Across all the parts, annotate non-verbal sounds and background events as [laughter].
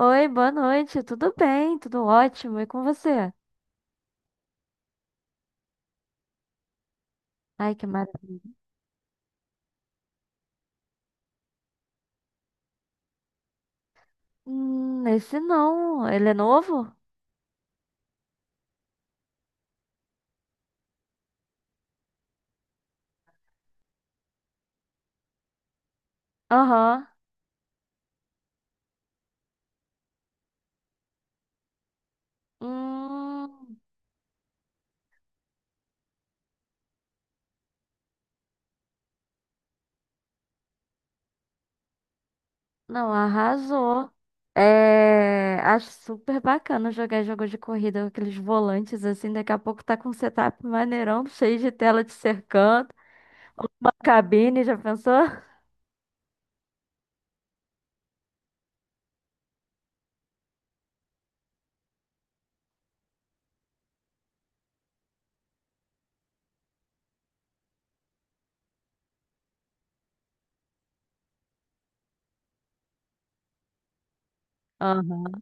Oi, boa noite. Tudo bem? Tudo ótimo. E com você? Ai, que maravilha. Esse não. Ele é novo? Aham. Hum, não, arrasou. É, acho super bacana jogar jogo de corrida com aqueles volantes assim. Daqui a pouco tá com um setup maneirão, cheio de tela te cercando. Uma cabine, já pensou? Aham.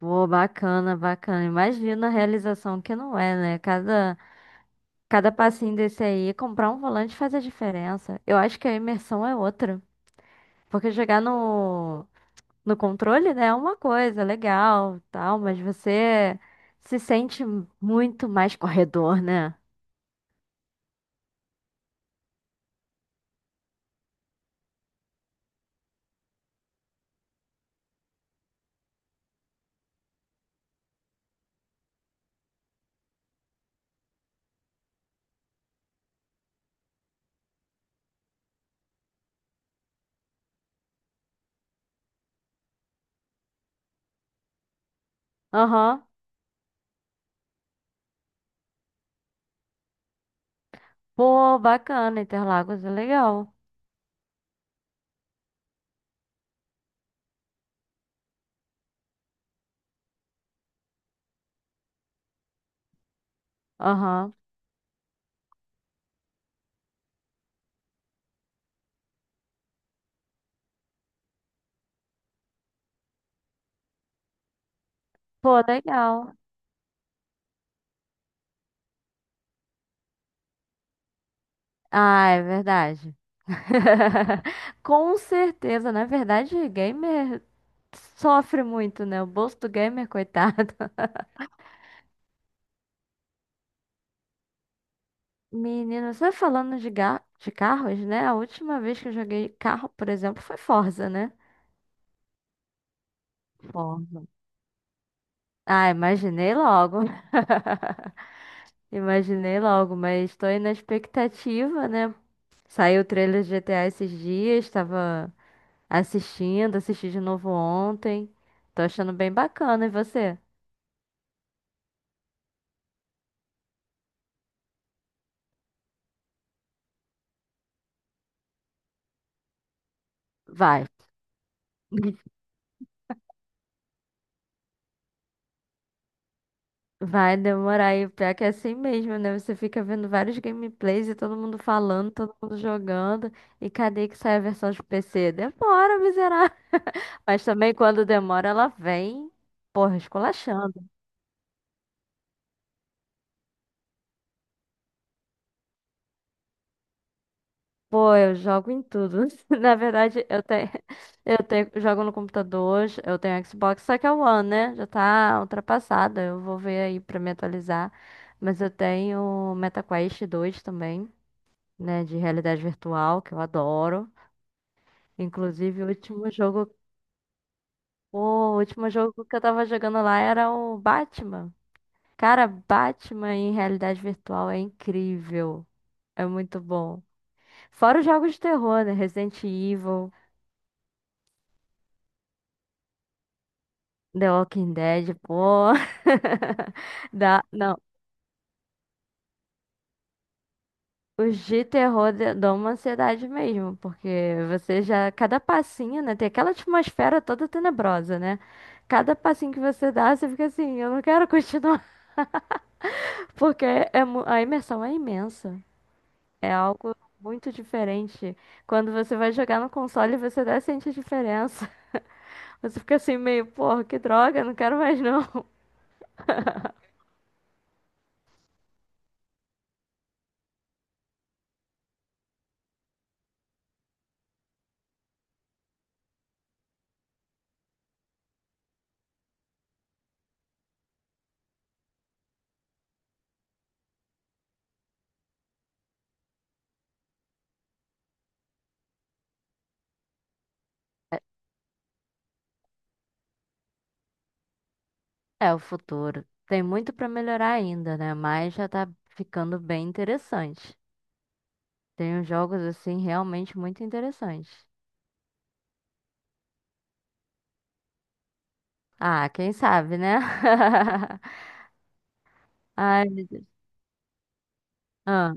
Pô, bacana, bacana. Imagina a realização que não é, né? Cada passinho desse aí, comprar um volante faz a diferença. Eu acho que a imersão é outra. Porque jogar no controle, né, é uma coisa legal, tal, mas você se sente muito mais [laughs] corredor, né? Aham. Pô, bacana, Interlagos é legal. Aham. Pô, legal. Ah, é verdade. [laughs] Com certeza, na verdade, gamer sofre muito, né? O bolso do gamer, coitado. [laughs] Menino, só falando de, de carros, né? A última vez que eu joguei carro, por exemplo, foi Forza, né? Forza. Ah, imaginei logo. [laughs] Imaginei logo, mas estou aí na expectativa, né? Saiu o trailer de GTA esses dias, estava assistindo, assisti de novo ontem. Tô achando bem bacana, e você? Vai. Vai demorar e o pior é que é assim mesmo, né? Você fica vendo vários gameplays e todo mundo falando, todo mundo jogando. E cadê que sai a versão de PC? Demora, miserável. [laughs] Mas também quando demora, ela vem, porra, esculachando. Pô, eu jogo em tudo. [laughs] Na verdade, [laughs] eu tenho, jogo no computador, eu tenho Xbox, só que é o One, né? Já tá ultrapassada. Eu vou ver aí pra me atualizar. Mas eu tenho MetaQuest dois também, né? De realidade virtual, que eu adoro. Inclusive, o último jogo que eu tava jogando lá era o Batman. Cara, Batman em realidade virtual é incrível. É muito bom. Fora os jogos de terror, né? Resident Evil, The Walking Dead, pô. [laughs] Dá, não. Os de terror dão uma ansiedade mesmo, porque você já, cada passinho, né? Tem aquela atmosfera toda tenebrosa, né? Cada passinho que você dá, você fica assim, eu não quero continuar, [laughs] porque a imersão é imensa. É algo muito diferente. Quando você vai jogar no console, você até sente a diferença. [laughs] Você fica assim meio, porra, que droga, não quero mais não. É o futuro. Tem muito pra melhorar ainda, né? Mas já tá ficando bem interessante. Tem uns jogos assim realmente muito interessantes. Ah, quem sabe, né? [laughs] Ai, meu Deus. Ah,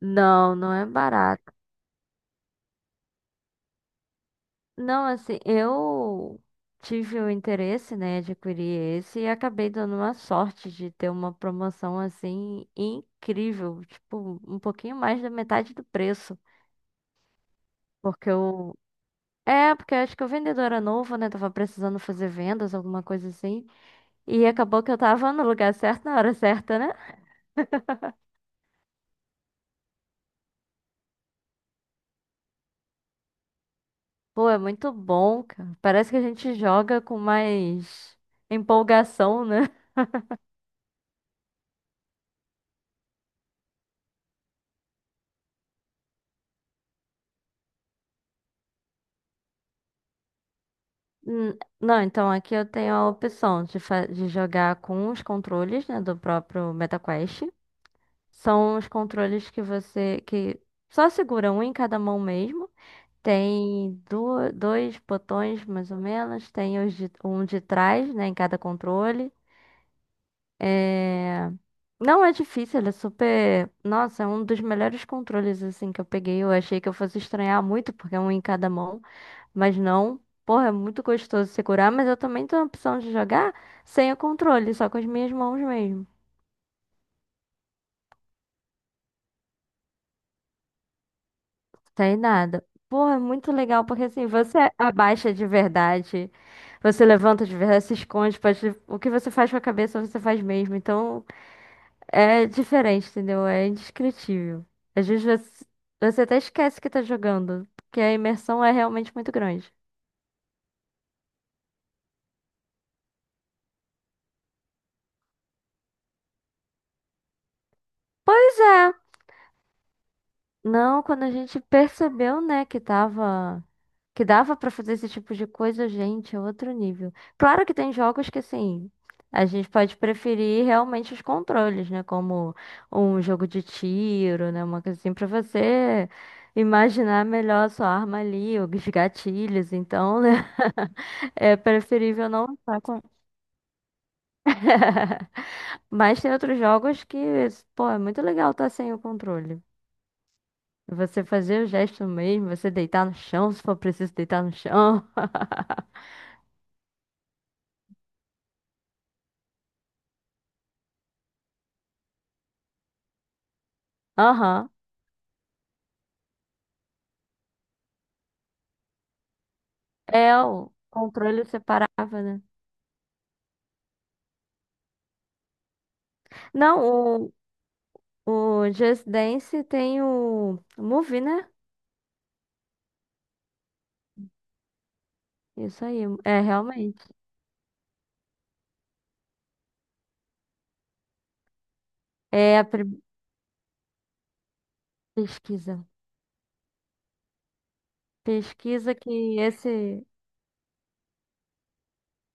não, não é barato. Não, assim, eu tive o interesse, né, de adquirir esse e acabei dando uma sorte de ter uma promoção assim incrível, tipo, um pouquinho mais da metade do preço, porque eu É, porque acho que o vendedor era novo, né? Tava precisando fazer vendas, alguma coisa assim. E acabou que eu tava no lugar certo, na hora certa, né? Pô, é muito bom, cara. Parece que a gente joga com mais empolgação, né? Hum, não, então aqui eu tenho a opção de, de jogar com os controles, né, do próprio MetaQuest. São os controles que você que só segura um em cada mão mesmo. Tem dois botões mais ou menos, tem os um de trás, né, em cada controle. É, não é difícil, ele é super. Nossa, é um dos melhores controles assim que eu peguei. Eu achei que eu fosse estranhar muito porque é um em cada mão. Mas não, porra, é muito gostoso segurar, mas eu também tenho a opção de jogar sem o controle, só com as minhas mãos mesmo. Sem nada. Porra, é muito legal, porque assim, você abaixa de verdade, você levanta de verdade, se esconde, pode... o que você faz com a cabeça, você faz mesmo. Então, é diferente, entendeu? É indescritível. Às vezes você, você até esquece que tá jogando, porque a imersão é realmente muito grande. Pois é. Não, quando a gente percebeu, né, que tava, que dava pra fazer esse tipo de coisa, gente, é outro nível. Claro que tem jogos que assim, a gente pode preferir realmente os controles, né, como um jogo de tiro, né, uma coisa assim pra você imaginar melhor a sua arma ali, os gatilhos, então, né, [laughs] é preferível não estar com [laughs] Mas tem outros jogos que, pô, é muito legal estar sem o controle. Você fazer o gesto mesmo, você deitar no chão, se for preciso deitar no chão. [laughs] Aham. É, o controle separava, né? Não, o, o Just Dance tem o Movie, né? Isso aí, é realmente. É a pri- pesquisa. Pesquisa que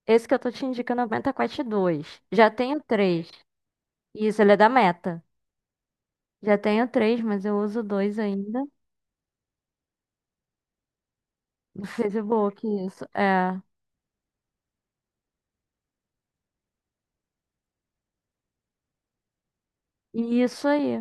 esse que eu tô te indicando é o Meta Quest já tenho três. Isso, ele é da Meta. Já tenho três, mas eu uso dois ainda. [laughs] No Facebook, isso. É. Isso aí.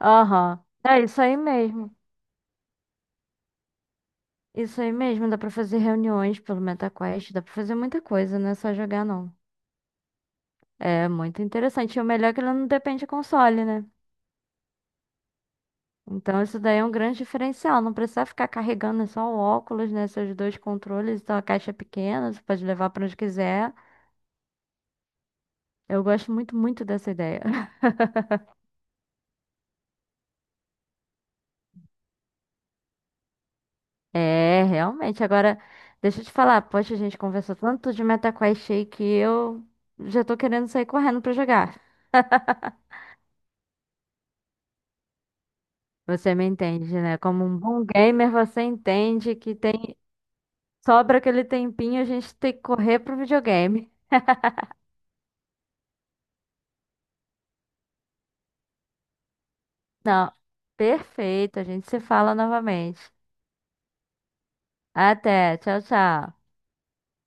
Aham. É isso aí mesmo. Isso aí mesmo. Dá pra fazer reuniões pelo MetaQuest. Dá pra fazer muita coisa, não é só jogar, não. É muito interessante. E o melhor é que ele não depende de console, né? Então isso daí é um grande diferencial. Não precisa ficar carregando é só o óculos, né? Seus dois controles. Então a caixa é pequena, você pode levar pra onde quiser. Eu gosto muito, muito dessa ideia. [laughs] É, realmente. Agora, deixa eu te falar. Poxa, a gente conversou tanto de MetaQuest aí que eu já tô querendo sair correndo pra jogar. Você me entende, né? Como um bom gamer, você entende que tem sobra aquele tempinho, a gente tem que correr pro videogame. Não, perfeito, a gente se fala novamente. Até, tchau, tchau.